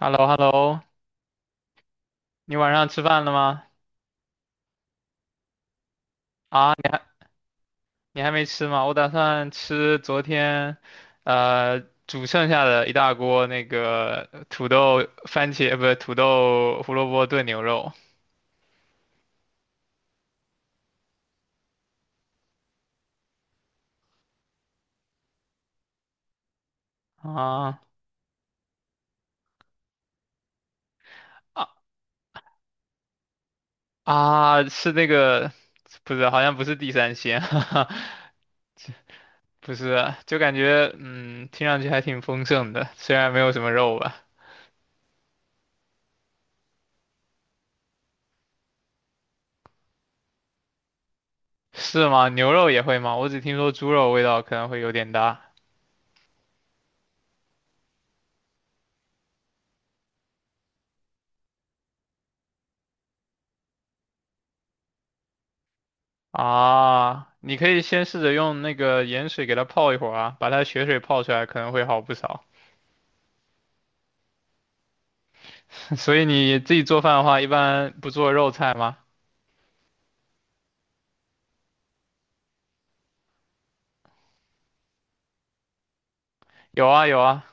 h e l l o h e l l o 你晚上吃饭了吗？啊，你还没吃吗？我打算吃昨天，呃，煮剩下的一大锅那个土豆番茄，不是土豆胡萝卜炖牛肉。啊啊啊！是那个，不是，好像不是地三鲜。哈哈，不是，就感觉听上去还挺丰盛的，虽然没有什么肉吧。是吗？牛肉也会吗？我只听说猪肉味道可能会有点大。啊，你可以先试着用那个盐水给它泡一会儿啊，把它血水泡出来可能会好不少。所以你自己做饭的话，一般不做肉菜吗？有啊有啊，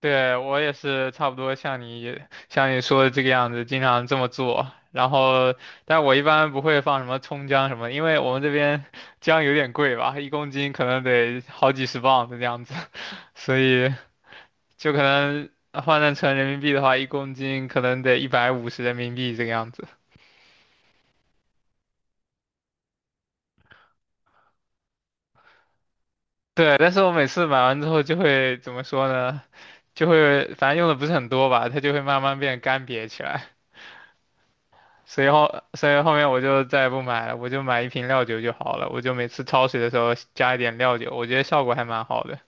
对，我也是差不多像你说的这个样子，经常这么做。然后，但我一般不会放什么葱姜什么的，因为我们这边 姜有点贵吧，1公斤可能得好几十磅的这样子。所以就可能换算成人民币的话，一公斤可能得150人民币这个样子。对，但是我每次买完之后就会怎么说呢？就会反正用的不是很多吧，它就会慢慢变干瘪起来。所以后面我就再也不买了，我就买一瓶料酒就好了。我就每次焯水的时候加一点料酒，我觉得效果还蛮好的。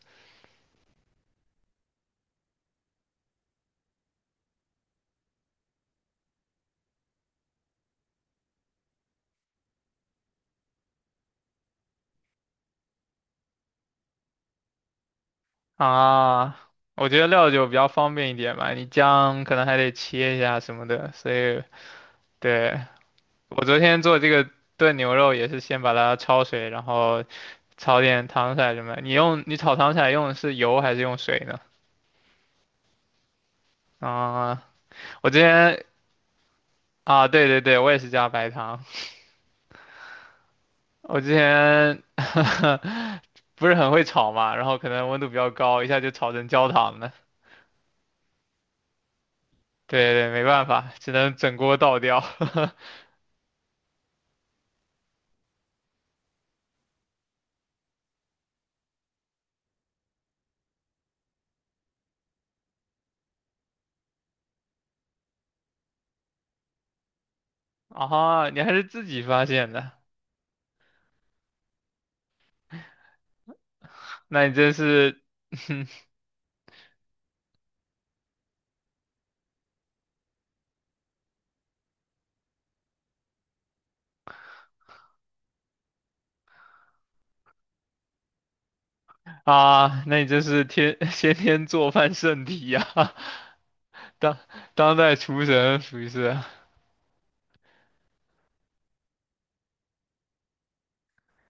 啊。我觉得料酒比较方便一点嘛，你姜可能还得切一下什么的。所以，对，我昨天做这个炖牛肉也是先把它焯水，然后炒点糖色什么的。你用你炒糖色用的是油还是用水呢？啊，我之前啊，对对对，我也是加白糖。我之前 不是很会炒嘛，然后可能温度比较高，一下就炒成焦糖了。对对，没办法，只能整锅倒掉。啊，你还是自己发现的。那你真是 啊，那你真是天 先天做饭圣体呀、当当代厨神属于是。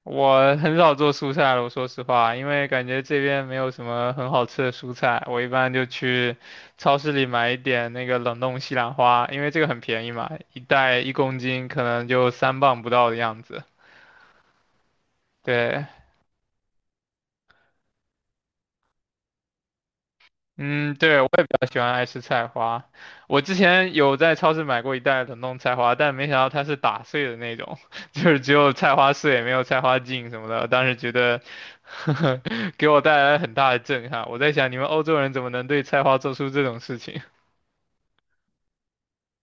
我很少做蔬菜了，我说实话，因为感觉这边没有什么很好吃的蔬菜，我一般就去超市里买一点那个冷冻西兰花，因为这个很便宜嘛，一袋一公斤可能就3磅不到的样子。对，嗯，对，我也比较喜欢爱吃菜花。我之前有在超市买过一袋冷冻菜花，但没想到它是打碎的那种，就是只有菜花碎，没有菜花茎什么的。当时觉得，给我带来很大的震撼。我在想，你们欧洲人怎么能对菜花做出这种事情？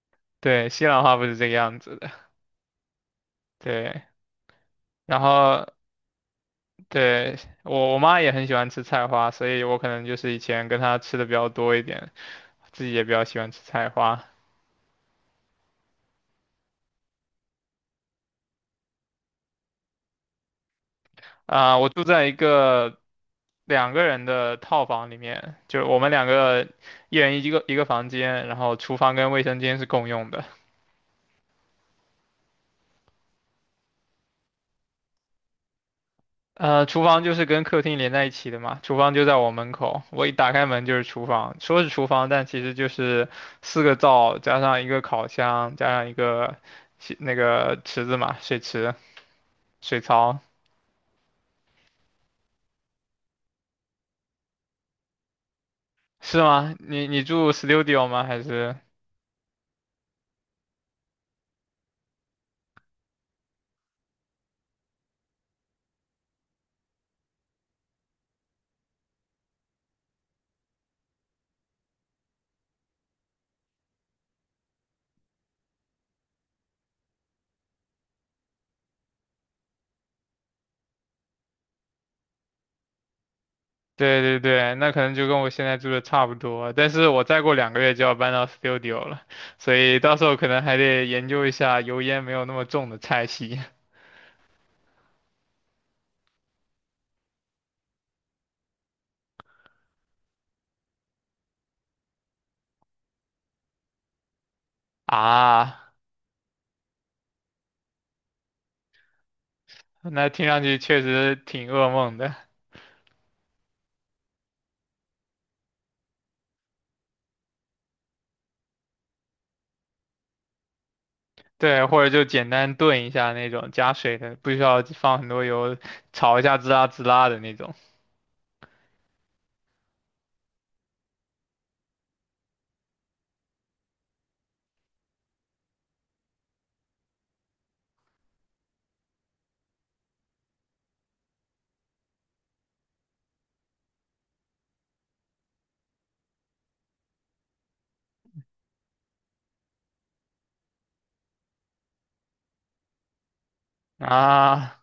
对，西兰花不是这个样子的。对，然后对，我妈也很喜欢吃菜花，所以我可能就是以前跟她吃的比较多一点，自己也比较喜欢吃菜花。啊、我住在一个两个人的套房里面，就是我们两个一人一个房间，然后厨房跟卫生间是共用的。呃，厨房就是跟客厅连在一起的嘛，厨房就在我门口，我一打开门就是厨房，说是厨房，但其实就是四个灶加上一个烤箱，加上一个洗那个池子嘛，水池、水槽，是吗？你住 studio 吗？还是？对对对，那可能就跟我现在住的差不多，但是我再过2个月就要搬到 studio 了，所以到时候可能还得研究一下油烟没有那么重的菜系。 啊。那听上去确实挺噩梦的，对，或者就简单炖一下那种加水的，不需要放很多油，炒一下滋啦滋啦的那种。啊。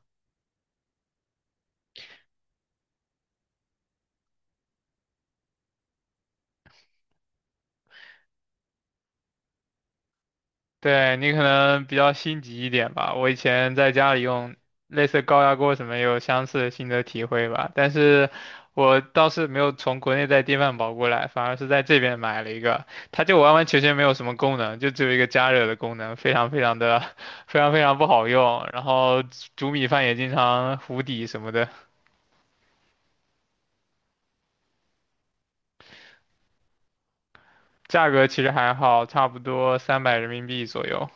对，你可能比较心急一点吧。我以前在家里用类似高压锅什么，也有相似的心得体会吧。但是我倒是没有从国内带电饭煲过来，反而是在这边买了一个，它就完完全全没有什么功能，就只有一个加热的功能，非常非常的 非常非常不好用。然后煮米饭也经常糊底什么的，价格其实还好，差不多300人民币左右。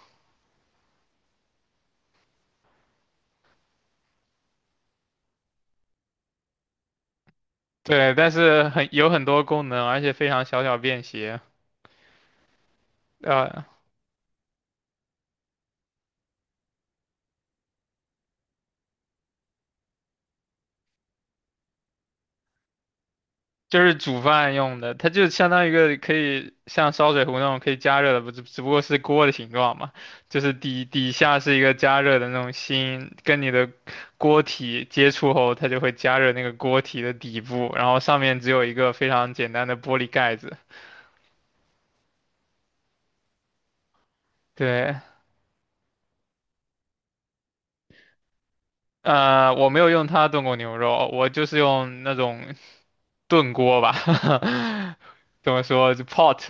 对，但是很有很多功能，而且非常小巧便携。呃，就是煮饭用的，它就相当于一个可以像烧水壶那种可以加热的，不只不过是锅的形状嘛，就是底下是一个加热的那种芯，跟你的锅体接触后，它就会加热那个锅体的底部，然后上面只有一个非常简单的玻璃盖子。对，呃，我没有用它炖过牛肉，我就是用那种炖锅吧，怎么说就 pot。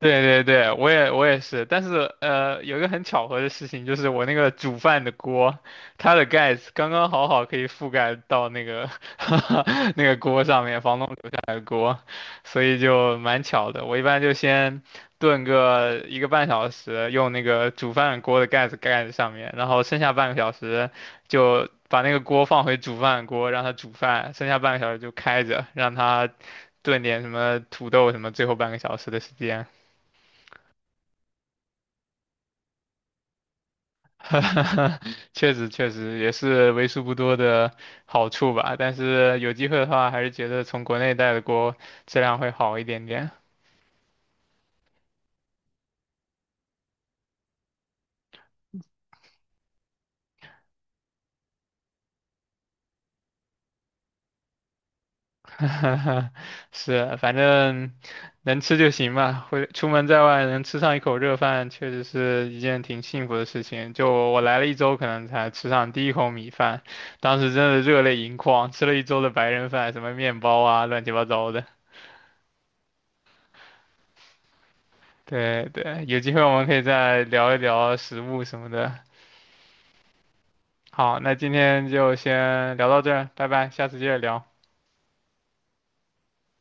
对对对，我也是，但是呃，有一个很巧合的事情，就是我那个煮饭的锅，它的盖子刚刚好可以覆盖到那个 那个锅上面，房东留下来的锅，所以就蛮巧的。我一般就先炖个1个半小时，用那个煮饭锅的盖子盖在上面，然后剩下半个小时就把那个锅放回煮饭锅，让它煮饭，剩下半个小时就开着，让它炖点什么土豆什么，最后半个小时的时间。确实也是为数不多的好处吧，但是有机会的话，还是觉得从国内带的锅质量会好一点点。是，反正能吃就行嘛。会出门在外能吃上一口热饭，确实是一件挺幸福的事情。就我来了一周，可能才吃上第一口米饭，当时真的热泪盈眶，吃了一周的白人饭，什么面包啊，乱七八糟的。对对，有机会我们可以再聊一聊食物什么的。好，那今天就先聊到这儿，拜拜，下次接着聊。